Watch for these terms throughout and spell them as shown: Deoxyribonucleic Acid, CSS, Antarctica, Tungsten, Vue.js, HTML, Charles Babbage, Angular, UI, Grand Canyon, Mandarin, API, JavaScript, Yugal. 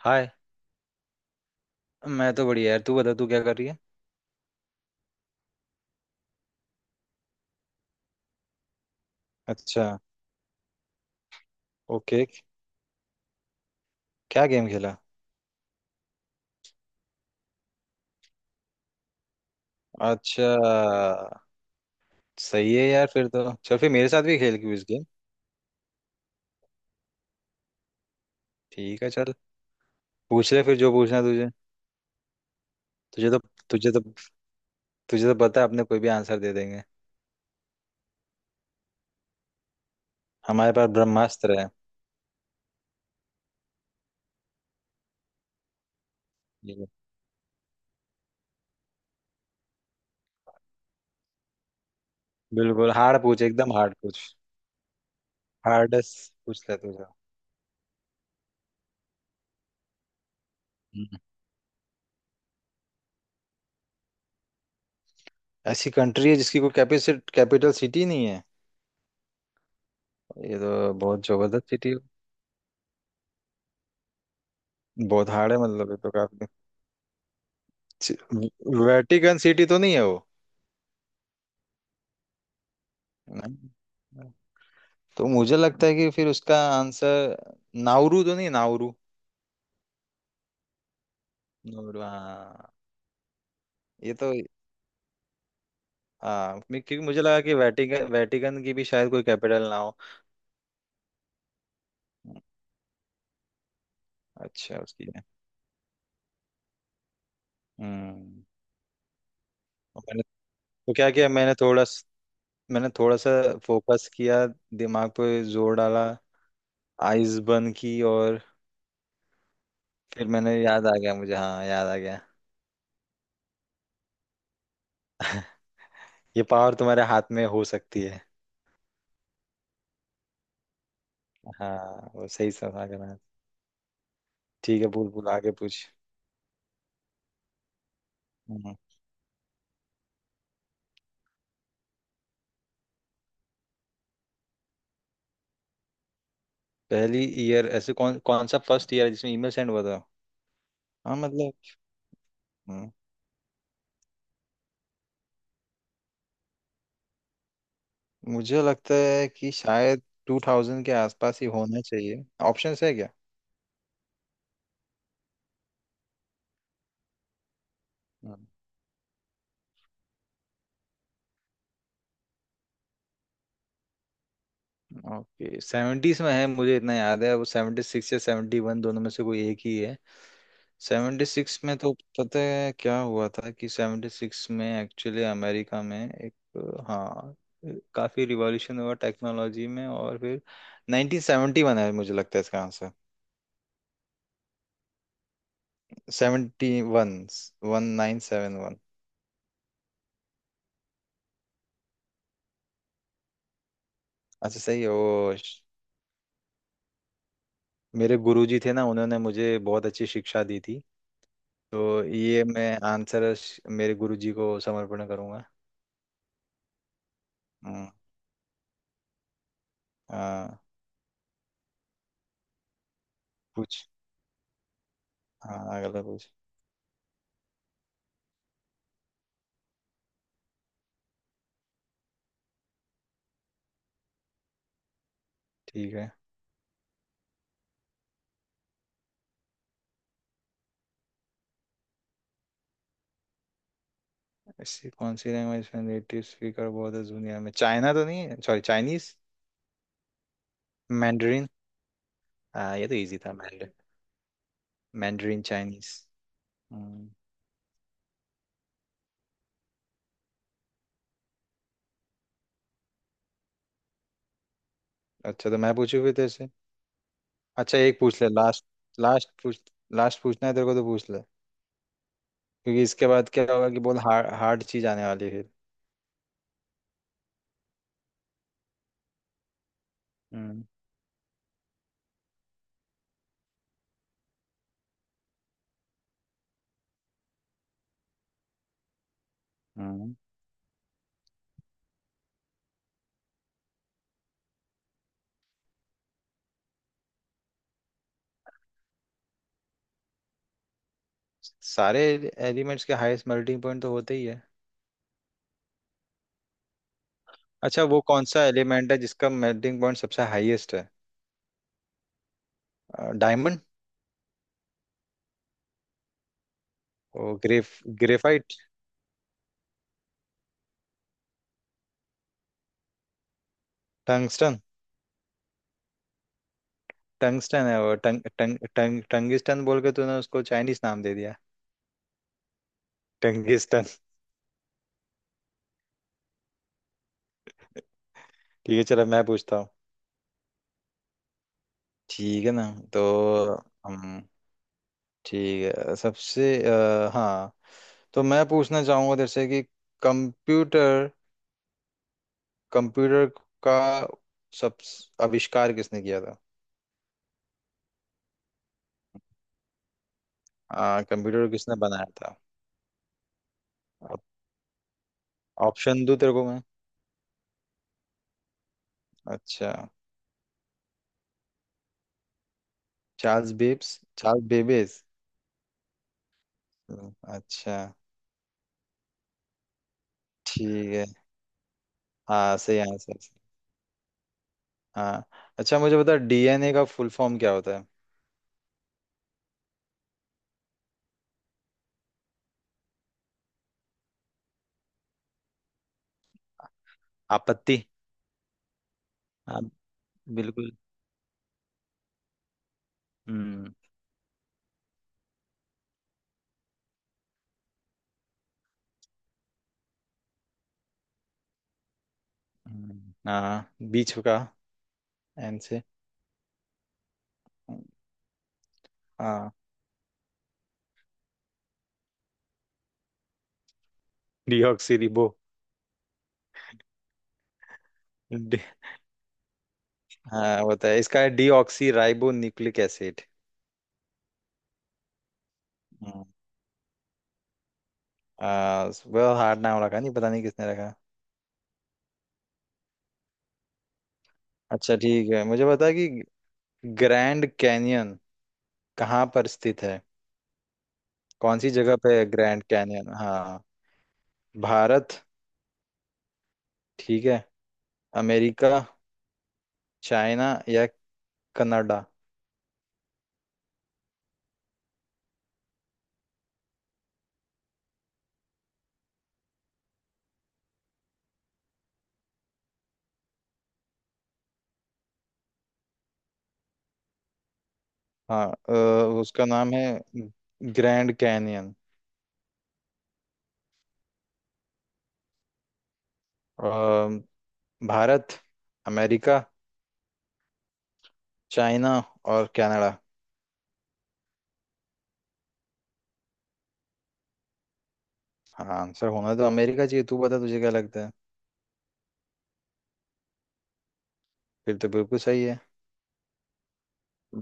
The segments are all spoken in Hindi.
हाय। मैं तो बढ़िया यार, तू बता तू क्या कर रही है। अच्छा। ओके। क्या गेम खेला? अच्छा, सही है यार, फिर तो चल फिर मेरे साथ भी खेल क्विज गेम। ठीक है चल, पूछ ले फिर जो पूछना है तुझे। तुझे तो तुझे तो तुझे तो पता है अपने कोई भी आंसर दे देंगे, हमारे पास ब्रह्मास्त्र है। बिल्कुल। बिल्कुल हार्ड पूछ, एकदम हार्ड पूछ, हार्डेस्ट पूछ ले तुझे। हम्म। ऐसी कंट्री है जिसकी कोई कैपिटल कैपिटल सिटी नहीं है? ये तो बहुत जबरदस्त सिटी है। बहुत हार्ड है मतलब ये तो काफी। च- वेटिकन सिटी तो नहीं है वो? नहीं तो मुझे लगता है कि फिर उसका आंसर नाउरू तो नहीं, नाउरू। नाउरू हाँ। ये तो हाँ, क्योंकि मुझे लगा कि वेटिकन वेटिकन की भी शायद कोई कैपिटल ना हो। अच्छा, उसकी है। हम्म। और मैंने तो क्या किया, मैंने मैंने थोड़ा सा फोकस किया, दिमाग पे जोर डाला, आइज बंद की, और फिर मैंने, याद आ गया मुझे, हाँ याद आ गया। ये पावर तुम्हारे हाथ में हो सकती है। हाँ वो सही समझ रहा है। ठीक है, भूल भूल आगे पूछ। हम्म, पहली ईयर, ऐसे कौन कौन सा फर्स्ट ईयर है जिसमें ईमेल सेंड हुआ था? हाँ मतलब। हम्म, मुझे लगता है कि शायद टू थाउजेंड के आसपास ही होना चाहिए। ऑप्शंस है क्या? हम्म। ओके, सेवेंटीज में है मुझे इतना याद है, वो सेवेंटी सिक्स या सेवेंटी वन दोनों में से कोई एक ही है। सेवेंटी सिक्स में तो पता है क्या हुआ था, कि सेवेंटी सिक्स में एक्चुअली अमेरिका में एक हाँ, काफी रिवॉल्यूशन हुआ टेक्नोलॉजी में, और फिर 1971 है मुझे लगता है इसका आंसर। 71, 1971। अच्छा सही है वो। मेरे गुरुजी थे ना, उन्होंने मुझे बहुत अच्छी शिक्षा दी थी, तो ये मैं आंसर मेरे गुरुजी को समर्पण करूंगा। हम्म, हाँ पूछ, हाँ अगला पूछ। ठीक है। ऐसी कौन सी लैंग्वेज में नेटिव स्पीकर बहुत है दुनिया में? चाइना तो नहीं है, सॉरी, चाइनीज, मैंडरीन। हाँ ये तो इजी था, मैंडरीन, मैंडरीन चाइनीज। हम्म, अच्छा तो मैं पूछू फिर तेरे से। अच्छा एक पूछ ले लास्ट, लास्ट पूछ, लास्ट पूछना है तेरे को तो पूछ ले, क्योंकि इसके बाद क्या होगा कि बहुत हार्ड हार्ड चीज आने वाली है फिर। हम्म। हम्म। सारे एलिमेंट्स के हाईएस्ट मेल्टिंग पॉइंट तो होते ही है। अच्छा वो कौन सा एलिमेंट है जिसका मेल्टिंग पॉइंट सबसे हाईएस्ट है? डायमंड, और ग्रेफाइट। टंगस्टन, टंगस्टन है वो, टंग टंग टंग टंगिस्टन बोल के तूने उसको चाइनीस नाम दे दिया। टंगिस्टन। ठीक है चलो मैं पूछता हूँ, ठीक है ना। तो, हम, ठीक है सबसे हाँ, तो मैं पूछना चाहूंगा तेरे से कि कंप्यूटर, कंप्यूटर का सब आविष्कार किसने किया था? कंप्यूटर किसने बनाया था? ऑप्शन दूं तेरे को मैं? अच्छा, चार्ल्स बेबेज। अच्छा, ठीक है, हाँ सही आंसर, हाँ। अच्छा मुझे बता, डीएनए का फुल फॉर्म क्या होता है? आपत्ति। हाँ। बिल्कुल। हम्म। हाँ बीच का, एन से। हाँ, डीऑक्सी रिबो, डी, हाँ होता है इसका है डीऑक्सी राइबो न्यूक्लिक एसिड। हम्म, बहुत हार्ड नाम रखा, नहीं पता नहीं किसने रखा। अच्छा ठीक है मुझे बता कि ग्रैंड कैनियन कहाँ पर स्थित है? कौन सी जगह पे है ग्रैंड कैनियन? हाँ, भारत, ठीक है, अमेरिका, चाइना, या कनाडा। हाँ, उसका नाम है ग्रैंड कैनियन। अ, भारत, अमेरिका, चाइना और कनाडा। हाँ, आंसर होना तो अमेरिका चाहिए, तू बता तुझे क्या लगता है? फिर तो बिल्कुल सही है,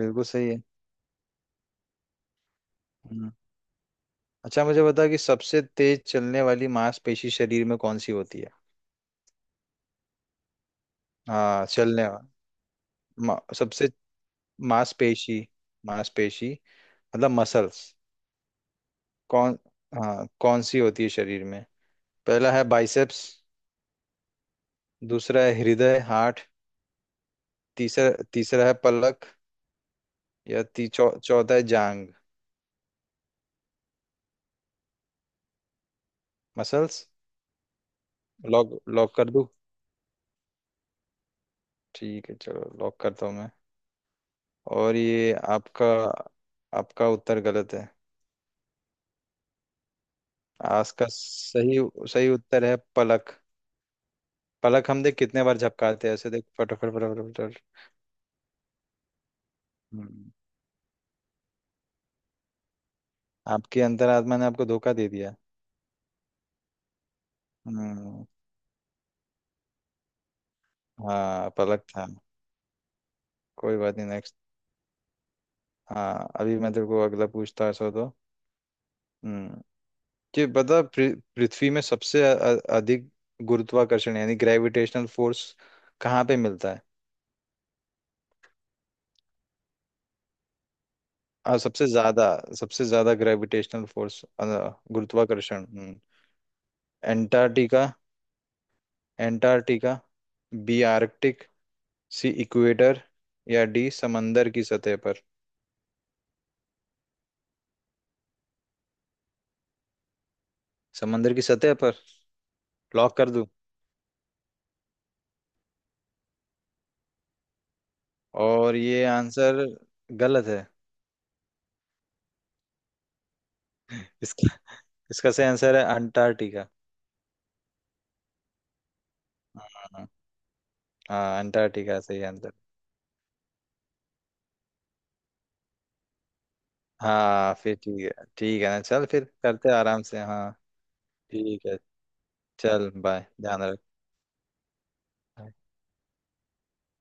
बिल्कुल सही है। हम्म। अच्छा मुझे बता कि सबसे तेज चलने वाली मांसपेशी शरीर में कौन सी होती है? हाँ सबसे मांसपेशी, मांसपेशी मतलब मसल्स, कौन, हाँ कौन सी होती है शरीर में? पहला है बाइसेप्स, दूसरा है हृदय हार्ट, तीसरा तीसरा है पलक, या चौथा है जांग। मसल्स? लॉक, लॉक कर दूं? ठीक है चलो लॉक करता हूँ मैं, और ये आपका, आपका उत्तर गलत है। आज का सही, सही उत्तर है पलक। पलक हम देख कितने बार झपकाते हैं, ऐसे देख फटाफट फटाफट फटाफट। हम्म, आपकी अंतरात्मा ने आपको धोखा दे दिया। हम्म, हाँ पलक था। कोई बात नहीं, नेक्स्ट। हाँ अभी मैं तेरे को अगला पूछता, ऐसा तो। हम्म। कि पता, पृथ्वी में सबसे अधिक गुरुत्वाकर्षण यानी ग्रेविटेशनल फोर्स कहाँ पे मिलता है? और सबसे ज्यादा, सबसे ज्यादा ग्रेविटेशनल फोर्स, गुरुत्वाकर्षण। Antarctica, Antarctica B, Arctic C, equator, या डी समंदर की सतह पर। समंदर की सतह पर? लॉक कर दूं? और ये आंसर गलत है। इसका इसका सही आंसर है अंटार्कटिका। हाँ, हाँ, अंटार्कटिका सही आंसर। हाँ फिर ठीक है, ठीक है ना, चल फिर करते हैं आराम से, हाँ ठीक है, चल बाय, ध्यान रख।